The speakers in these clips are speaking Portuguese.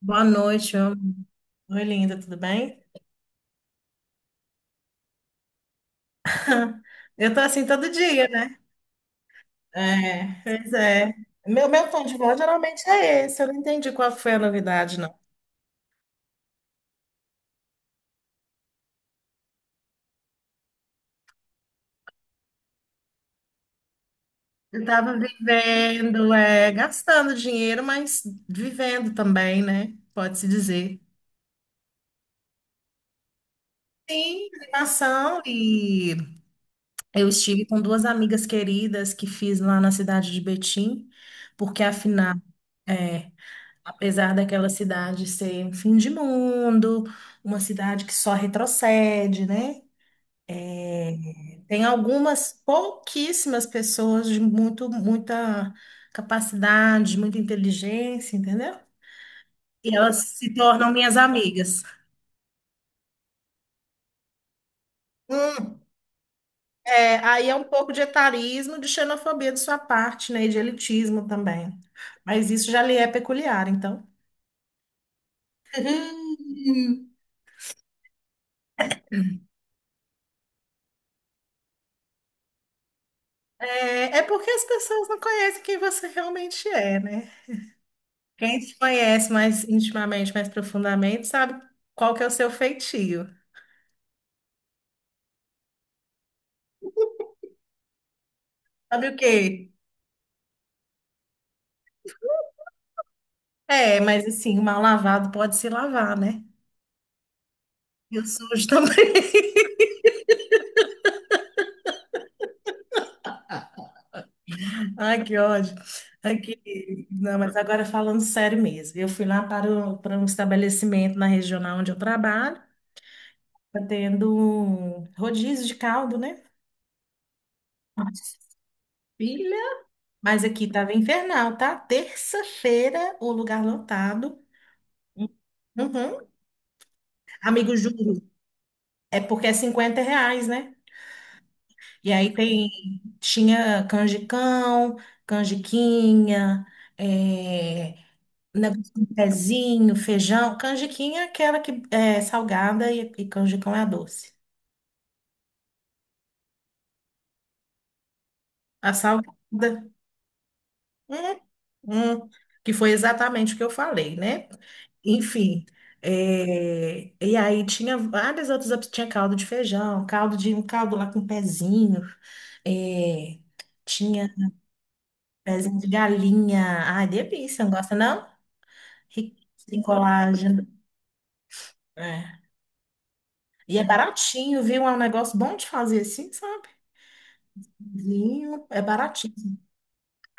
Boa noite, meu amor. Oi, linda, tudo bem? Eu tô assim todo dia, né? É, pois é. Meu tom de voz geralmente é esse, eu não entendi qual foi a novidade, não. Eu tava vivendo, gastando dinheiro, mas vivendo também, né? Pode-se dizer. Sim, animação. E eu estive com duas amigas queridas que fiz lá na cidade de Betim, porque afinal. é, Apesar daquela cidade ser um fim de mundo, uma cidade que só retrocede, né? É, Tem algumas pouquíssimas pessoas de muito, muita capacidade, muita inteligência, entendeu? E elas se tornam minhas amigas. Hum, aí é um pouco de etarismo, de xenofobia de sua parte, né? E de elitismo também. Mas isso já lhe é peculiar, então. É, é porque as pessoas não conhecem quem você realmente é, né? Quem te conhece mais intimamente, mais profundamente, sabe qual que é o seu feitio. Sabe o quê? É, mas assim, o mal lavado pode se lavar, né? E o sujo também. Ai, que ódio. Aqui, não, mas agora falando sério mesmo, eu fui lá para um estabelecimento na regional onde eu trabalho, tá tendo um rodízio de caldo, né? Nossa, filha, mas aqui tava infernal, tá? Terça-feira, o lugar lotado. Uhum. Amigo, juro. É porque é R$ 50, né? E aí tem, tinha canjicão, canjiquinha, é, negócio de pezinho, feijão. Canjiquinha é aquela que é salgada e canjicão é a doce. A salgada, hum, hum, que foi exatamente o que eu falei, né? Enfim, e aí tinha várias outras opções. Tinha caldo de feijão, caldo de um caldo lá com pezinho, é, tinha pezinho de galinha. Ai, delícia, não gosta não? Rico em colágeno. É. E é baratinho, viu? É um negócio bom de fazer assim, sabe? Vinho, é baratinho.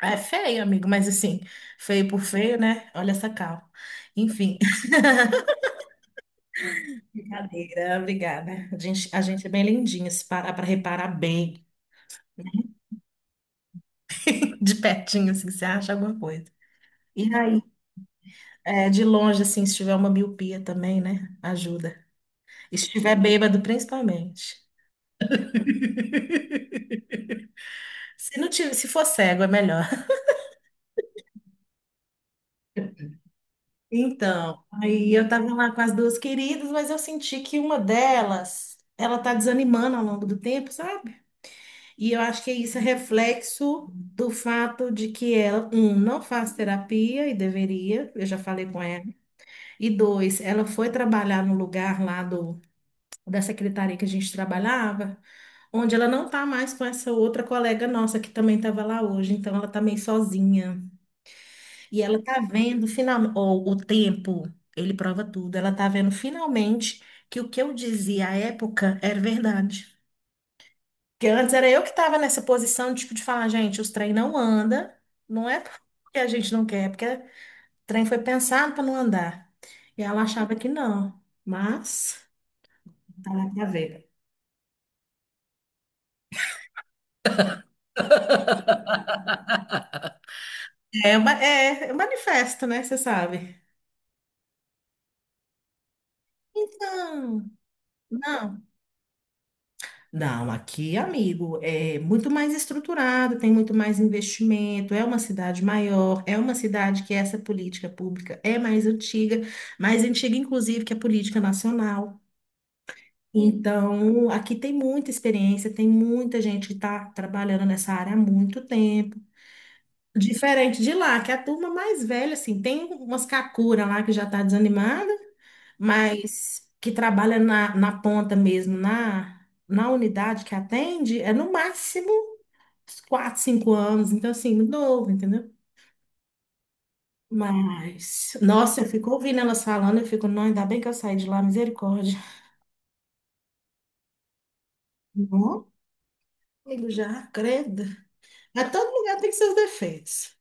É feio, amigo, mas assim, feio por feio, né? Olha essa cal. Enfim, brincadeira, obrigada. A gente é bem lindinha, se parar para reparar bem, de pertinho, assim, você acha alguma coisa. E aí, de longe, assim, se tiver uma miopia também, né? Ajuda. E se estiver bêbado, principalmente. Se não tiver, se for cego, é melhor. Então, aí eu tava lá com as duas queridas, mas eu senti que uma delas, ela tá desanimando ao longo do tempo, sabe? E eu acho que é isso é reflexo do fato de que ela, um, não faz terapia e deveria, eu já falei com ela. E dois, ela foi trabalhar no lugar lá do, da secretaria que a gente trabalhava, onde ela não tá mais com essa outra colega nossa que também tava lá hoje, então ela tá meio sozinha. E ela tá vendo finalmente, o tempo, ele prova tudo. Ela tá vendo finalmente que o que eu dizia à época era verdade. Porque antes era eu que estava nessa posição, tipo, de falar, gente, os trem não anda, não é porque a gente não quer, é porque o trem foi pensado para não andar. E ela achava que não, mas tá lá pra ver. É, é um manifesto, né? Você sabe. Então, não. Não, aqui, amigo, é muito mais estruturado, tem muito mais investimento, é uma cidade maior, é uma cidade que essa política pública é mais antiga, inclusive, que a política nacional. Então, aqui tem muita experiência, tem muita gente que está trabalhando nessa área há muito tempo. Diferente de lá, que a turma mais velha, assim, tem umas cacuras lá que já está desanimada, mas que trabalha na ponta mesmo, na unidade que atende, é no máximo uns 4, 5 anos. Então, assim, muito novo, entendeu? Mas, nossa, eu fico ouvindo elas falando, eu fico, não, ainda bem que eu saí de lá, misericórdia. Não, amigo, já, credo. A todo lugar tem seus defeitos.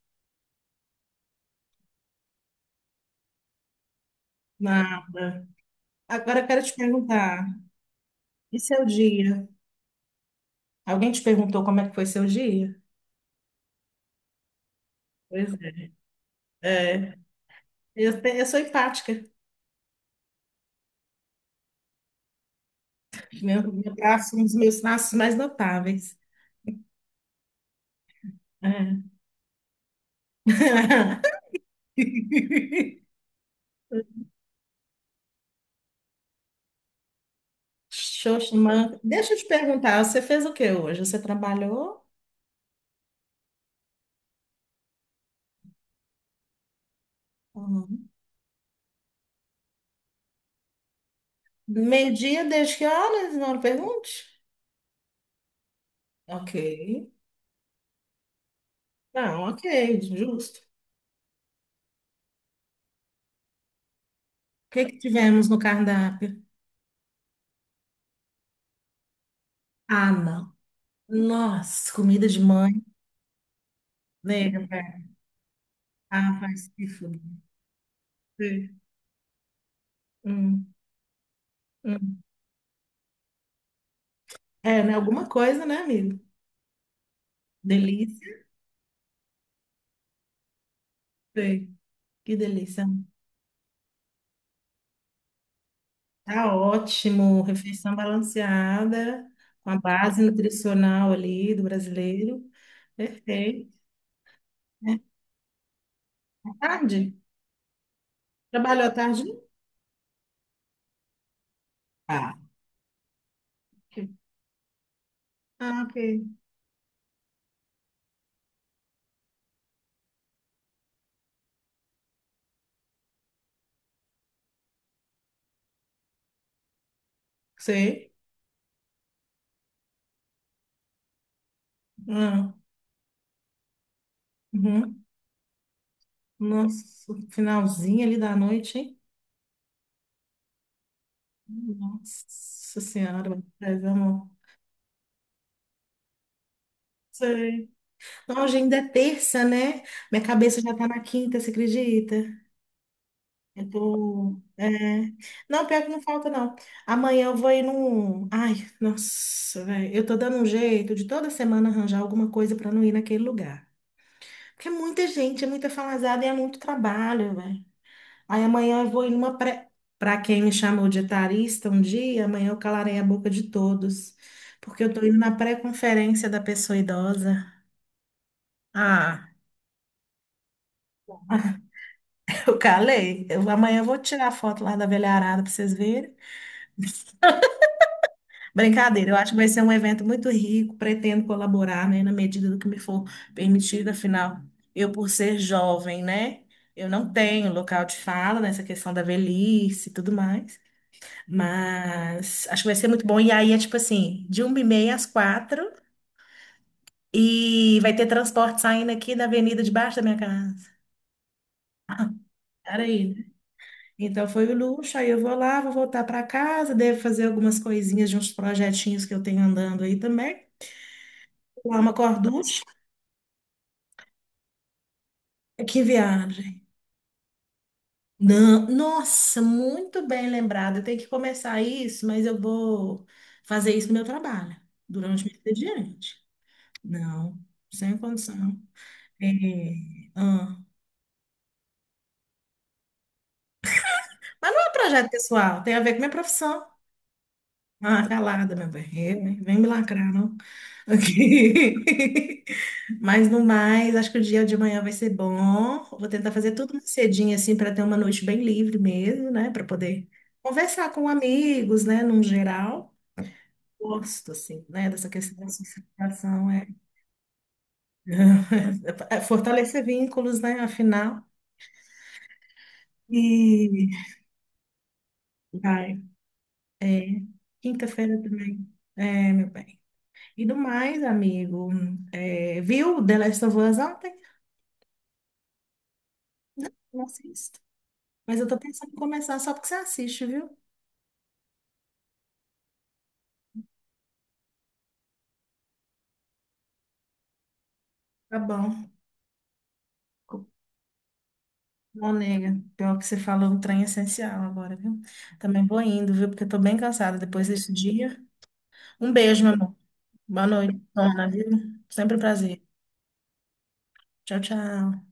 Nada. Agora eu quero te perguntar, e seu dia? Alguém te perguntou como é que foi seu dia? Pois é. É, eu sou empática. Meu braço, um dos meus traços mais notáveis. É. Xoxa, mano. Deixa eu te perguntar, você fez o que hoje? Você trabalhou? Uhum. Meio-dia, desde que horas? Não pergunte. Ok. Não, ok, justo. O que que tivemos no cardápio? Ah, não. Nossa, comida de mãe. Nega, velho. Ah, faz que foda. Sei. Hum, hum. É, né? Alguma coisa, né, amigo? Delícia. Sei. Que delícia. Tá ótimo, refeição balanceada, com a base nutricional ali do brasileiro. Perfeito. É, tarde? Trabalhou à tarde? Ah, ok. Ah, ok. Sei. Ah, uhum. Nossa, finalzinho ali da noite, hein? Nossa Senhora, mas, amor. Sei. Não, hoje ainda é terça, né? Minha cabeça já tá na quinta, você acredita? Eu tô. É... Não, pior que não falta, não. Amanhã eu vou ir num. Ai, nossa, velho. Eu tô dando um jeito de toda semana arranjar alguma coisa pra não ir naquele lugar. Porque é muita gente, é muita falazada e é muito trabalho, velho. Aí amanhã eu vou ir numa pré. Pra quem me chamou de etarista um dia, amanhã eu calarei a boca de todos. Porque eu tô indo na pré-conferência da pessoa idosa. Ah, eu calei. Amanhã eu vou tirar a foto lá da velharada pra vocês verem. Brincadeira, eu acho que vai ser um evento muito rico, pretendo colaborar, né, na medida do que me for permitido, afinal, eu por ser jovem, né, eu não tenho local de fala nessa questão da velhice e tudo mais, mas acho que vai ser muito bom, e aí é tipo assim, de 1h30 às quatro, e vai ter transporte saindo aqui da avenida debaixo da minha casa. Era aí, né? Então foi o luxo, aí eu vou lá, vou voltar para casa, devo fazer algumas coisinhas de uns projetinhos que eu tenho andando aí também. Lá uma corducha. Que viagem. Não, nossa, muito bem lembrado. Eu tenho que começar isso, mas eu vou fazer isso no meu trabalho, durante o meu expediente. Não, sem condição. É, ah. Mas não é projeto pessoal, tem a ver com minha profissão. Ah, calada, meu bem. É, né? Vem me lacrar, não? Aqui. Mas no mais, acho que o dia de amanhã vai ser bom. Vou tentar fazer tudo mais cedinho, assim, para ter uma noite bem livre mesmo, né? Para poder conversar com amigos, né? Num geral. Gosto, assim, né? Dessa questão da socialização. É... é fortalecer vínculos, né? Afinal. E vai. Quinta-feira também. É, meu bem. E do mais, amigo, viu The Last of Us ontem? Não assisto. Mas eu tô pensando em começar só porque você assiste, viu? Tá bom. Bom, nega. Pior que você falou, um trem essencial agora, viu? Também vou indo, viu? Porque eu tô bem cansada depois desse dia. Um beijo, meu amor. Boa noite, Tona, viu? Sempre um prazer. Tchau, tchau.